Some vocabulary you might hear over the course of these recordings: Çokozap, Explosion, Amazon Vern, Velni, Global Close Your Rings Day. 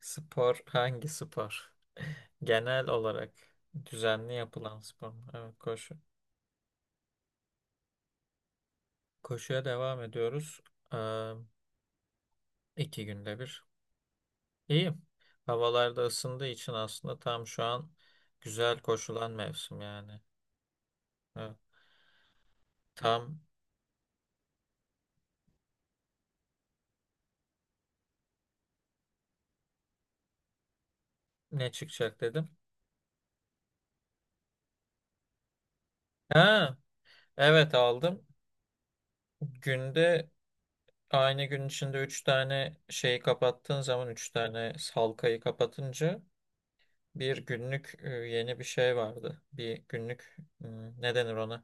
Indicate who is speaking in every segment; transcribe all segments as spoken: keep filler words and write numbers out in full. Speaker 1: Spor hangi spor? Genel olarak düzenli yapılan spor mu? Evet, koşu. Koşuya devam ediyoruz. Ee, iki günde bir. İyi. Havalar da ısındığı için aslında tam şu an güzel koşulan mevsim yani. Evet. Tam ne çıkacak dedim. Ha, evet aldım. Günde aynı gün içinde üç tane şeyi kapattığın zaman üç tane halkayı kapatınca bir günlük e, yeni bir şey vardı. Bir günlük hmm, ne denir ona?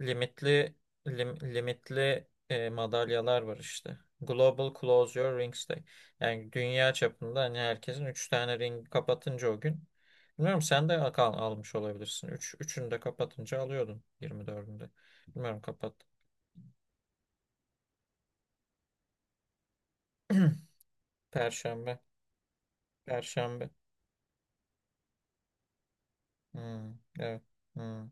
Speaker 1: Limitli lim- limitli e, madalyalar var işte. Global Close Your Rings Day. Yani dünya çapında hani herkesin üç tane ring kapatınca o gün. Bilmiyorum sen de al almış olabilirsin. üç, üçünü de kapatınca alıyordun yirmi dördünde. Bilmiyorum kapat. Perşembe. Perşembe. Hmm, evet. Hmm.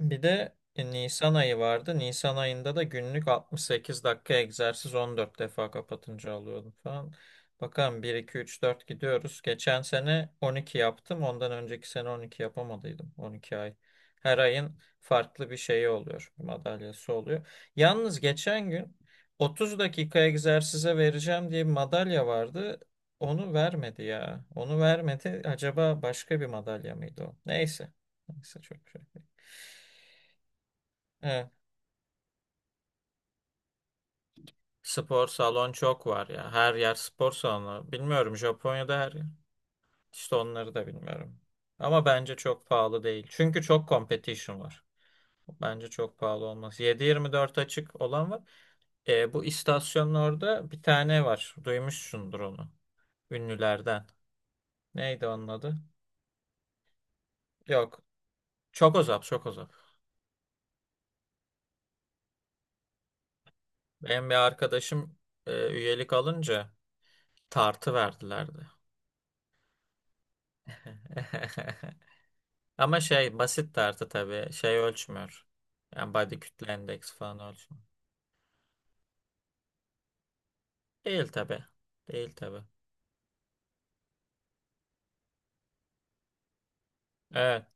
Speaker 1: Bir de e, Nisan ayı vardı. Nisan ayında da günlük altmış sekiz dakika egzersiz on dört defa kapatınca alıyordum falan. Bakalım bir iki üç dört gidiyoruz. Geçen sene on iki yaptım. Ondan önceki sene on iki yapamadıydım. on iki ay. Her ayın farklı bir şeyi oluyor. Madalyası oluyor. Yalnız geçen gün otuz dakika egzersize vereceğim diye bir madalya vardı. Onu vermedi ya. Onu vermedi. Acaba başka bir madalya mıydı o? Neyse. Neyse çok şey. Spor salon çok var ya. Her yer spor salonu. Bilmiyorum Japonya'da her yer. İşte onları da bilmiyorum. Ama bence çok pahalı değil. Çünkü çok competition var. Bence çok pahalı olmaz. Yedi yirmi dört açık olan var. E, bu istasyonun orada bir tane var. Duymuşsundur onu. Ünlülerden. Neydi onun adı? Yok. Çokozap, Çokozap. Benim bir arkadaşım e, üyelik alınca tartı verdilerdi. Ama şey basit tartı tabii. Şey ölçmüyor. Yani body kütle endeksi falan ölçmüyor. Değil tabii. Değil tabii. Evet.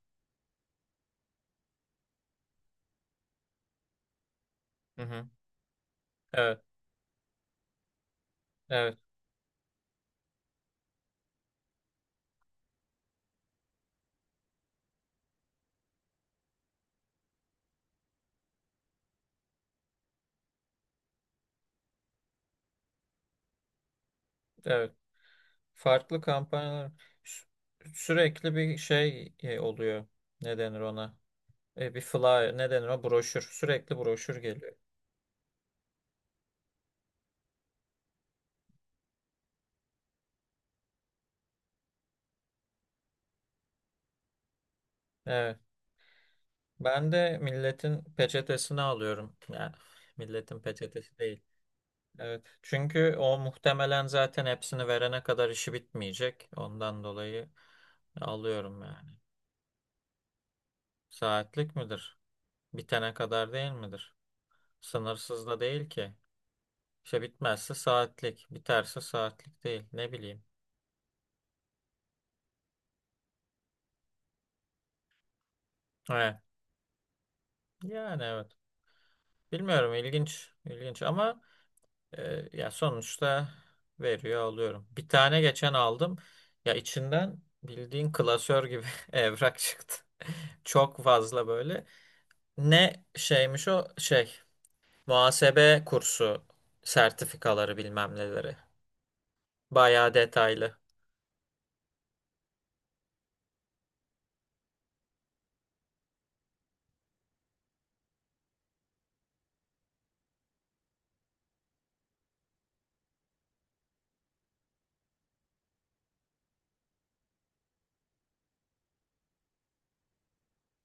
Speaker 1: Hı hı. Evet. Evet. Evet. Farklı kampanyalar sü- sürekli bir şey e, oluyor. Ne denir ona? E, bir flyer. Ne denir o? Broşür. Sürekli broşür geliyor. Evet. Ben de milletin peçetesini alıyorum. Yani milletin peçetesi değil. Evet. Çünkü o muhtemelen zaten hepsini verene kadar işi bitmeyecek. Ondan dolayı alıyorum yani. Saatlik midir? Bitene kadar değil midir? Sınırsız da değil ki. İşte bitmezse saatlik, biterse saatlik değil. Ne bileyim. Evet. Yani evet. Bilmiyorum ilginç, ilginç ama e, ya sonuçta veriyor alıyorum. Bir tane geçen aldım. Ya içinden bildiğin klasör gibi evrak çıktı. Çok fazla böyle. Ne şeymiş o şey muhasebe kursu sertifikaları bilmem neleri. Bayağı detaylı.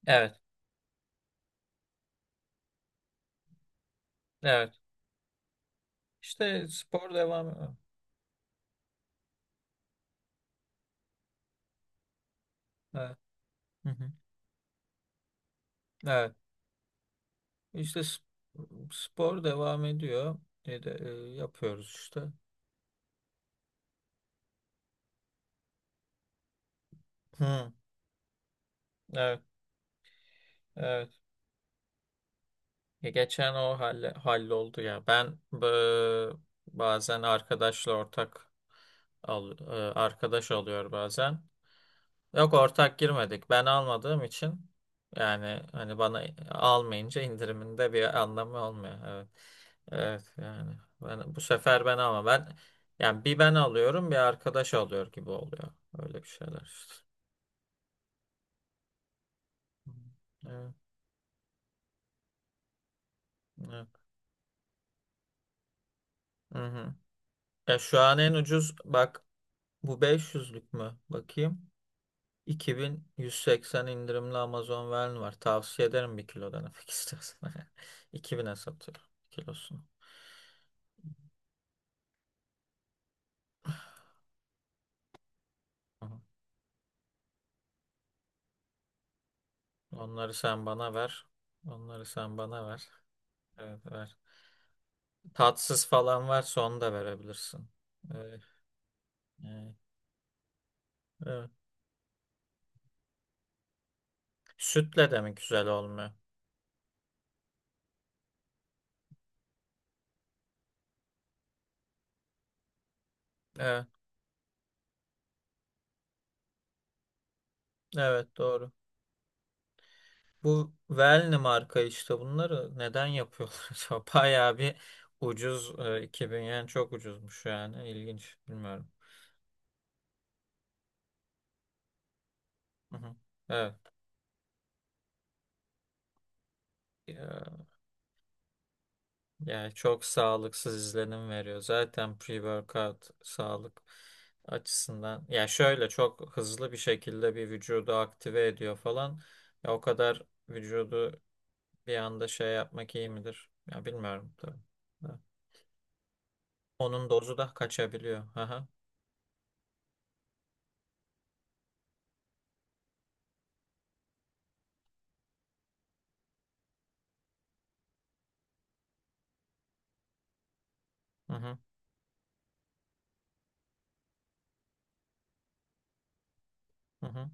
Speaker 1: Evet, evet. İşte spor devam ediyor. Evet. Hı hı. Evet. İşte sp- spor devam ediyor. E de, e, yapıyoruz işte. Hı, evet, evet. Ya geçen o halle, halloldu ya. Ben bı- bazen arkadaşla ortak al, e, arkadaş oluyor bazen. Yok ortak girmedik. Ben almadığım için yani hani bana almayınca indiriminde bir anlamı olmuyor. Evet. Evet yani ben bu sefer ben ama ben yani bir ben alıyorum bir arkadaş alıyor gibi oluyor. Öyle bir şeyler işte. Evet. Evet. Hı hı. Ya şu an en ucuz bak bu beş yüzlük mü? Bakayım. iki bin yüz seksen indirimli Amazon Vern var. Tavsiye ederim bir kilo denemek istersen. iki bin'e satıyor kilosunu. Onları sen bana ver. Onları sen bana ver. Evet ver. Tatsız falan varsa onu da verebilirsin. Evet, evet, evet. Sütle de mi güzel olmuyor? Evet, evet doğru. Bu Velni marka işte bunları neden yapıyorlar acaba? Bayağı bir ucuz e, iki bin yani çok ucuzmuş yani. İlginç, bilmiyorum. Hı hı. Evet. e, Yani çok sağlıksız izlenim veriyor. Zaten pre-workout sağlık açısından. Ya şöyle çok hızlı bir şekilde bir vücudu aktive ediyor falan. Ya o kadar vücudu bir anda şey yapmak iyi midir? Ya bilmiyorum tabii. Ha. Onun dozu da kaçabiliyor. Aha. Hı hı. Hı hı.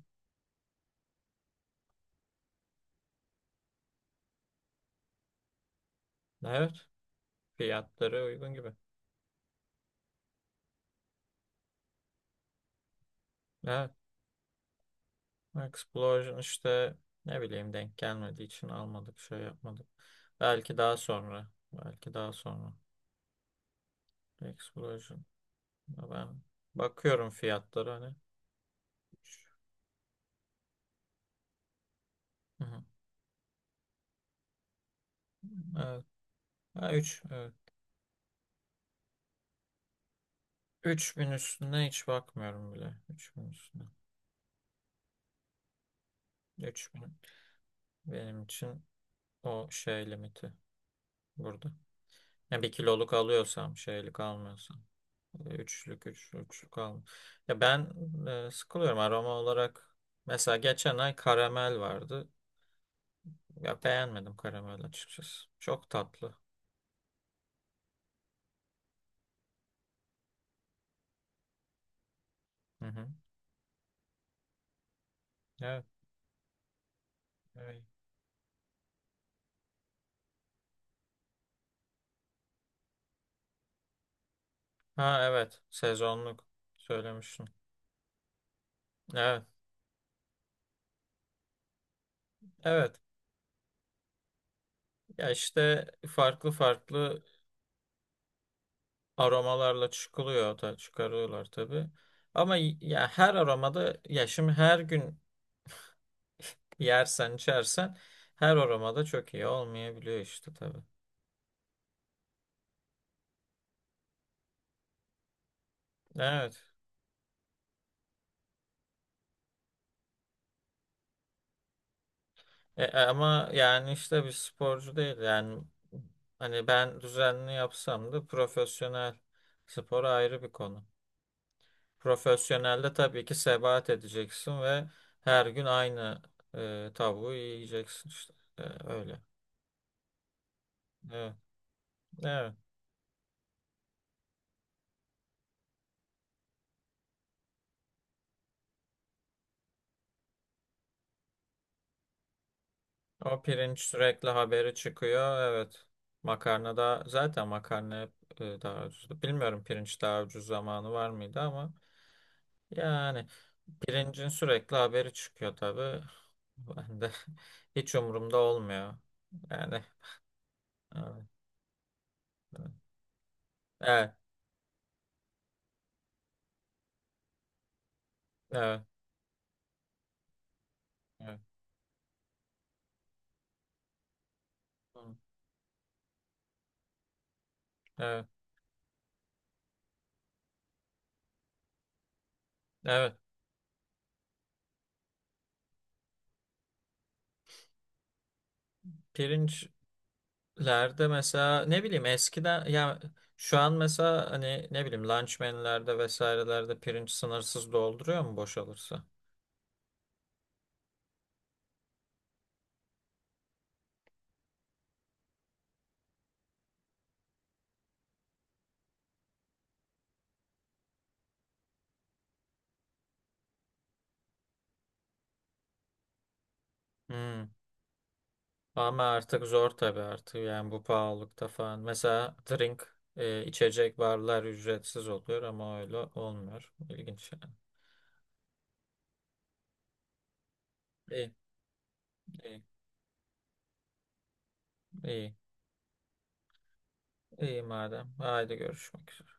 Speaker 1: Evet. Fiyatları uygun gibi. Evet. Explosion işte ne bileyim denk gelmediği için almadık, şey yapmadık. Belki daha sonra. Belki daha sonra. Explosion. Ben bakıyorum fiyatları hani. Üç. Hı hı. Evet. Ha, üç, evet. üç bin üstüne hiç bakmıyorum bile. Üç bin üstüne. Üç bin. Benim için o şey limiti burada. Ya bir kiloluk alıyorsam şeylik almıyorsam. E, Üçlük, üç, üçlük al. Ya ben e, sıkılıyorum aroma olarak. Mesela geçen ay karamel vardı. Ya beğenmedim karamel açıkçası. Çok tatlı. Hı hı. Evet. Evet. Ha, evet. Sezonluk. Söylemiştin. Evet. Evet. Ya işte farklı farklı aromalarla çıkılıyor da çıkarıyorlar tabii. Ama y- ya her aromada ya şimdi her gün yersen içersen her aromada çok iyi olmayabiliyor işte tabii. Evet. E, e, ama yani işte bir sporcu değil yani hani ben düzenli yapsam da profesyonel spor ayrı bir konu. Profesyonelde tabii ki sebat edeceksin ve her gün aynı e, tavuğu yiyeceksin işte. E, öyle. Evet. Evet. O pirinç sürekli haberi çıkıyor. Evet. Makarna da zaten makarna hep e, daha ucuzdu. Bilmiyorum pirinç daha ucuz zamanı var mıydı ama yani pirincin sürekli haberi çıkıyor tabii. Ben de hiç umurumda olmuyor. Yani evet. Evet. Evet. Evet. Evet. Evet. Evet. Pirinç Lerde mesela ne bileyim eskiden ya şu an mesela hani ne bileyim lunchmenlerde vesairelerde pirinç sınırsız dolduruyor mu boşalırsa? Hmm. Ama artık zor tabii artık yani bu pahalılıkta falan. Mesela drink e, içecek barlar ücretsiz oluyor ama öyle olmuyor. İlginç yani. İyi, iyi, iyi, iyi madem. Haydi görüşmek üzere.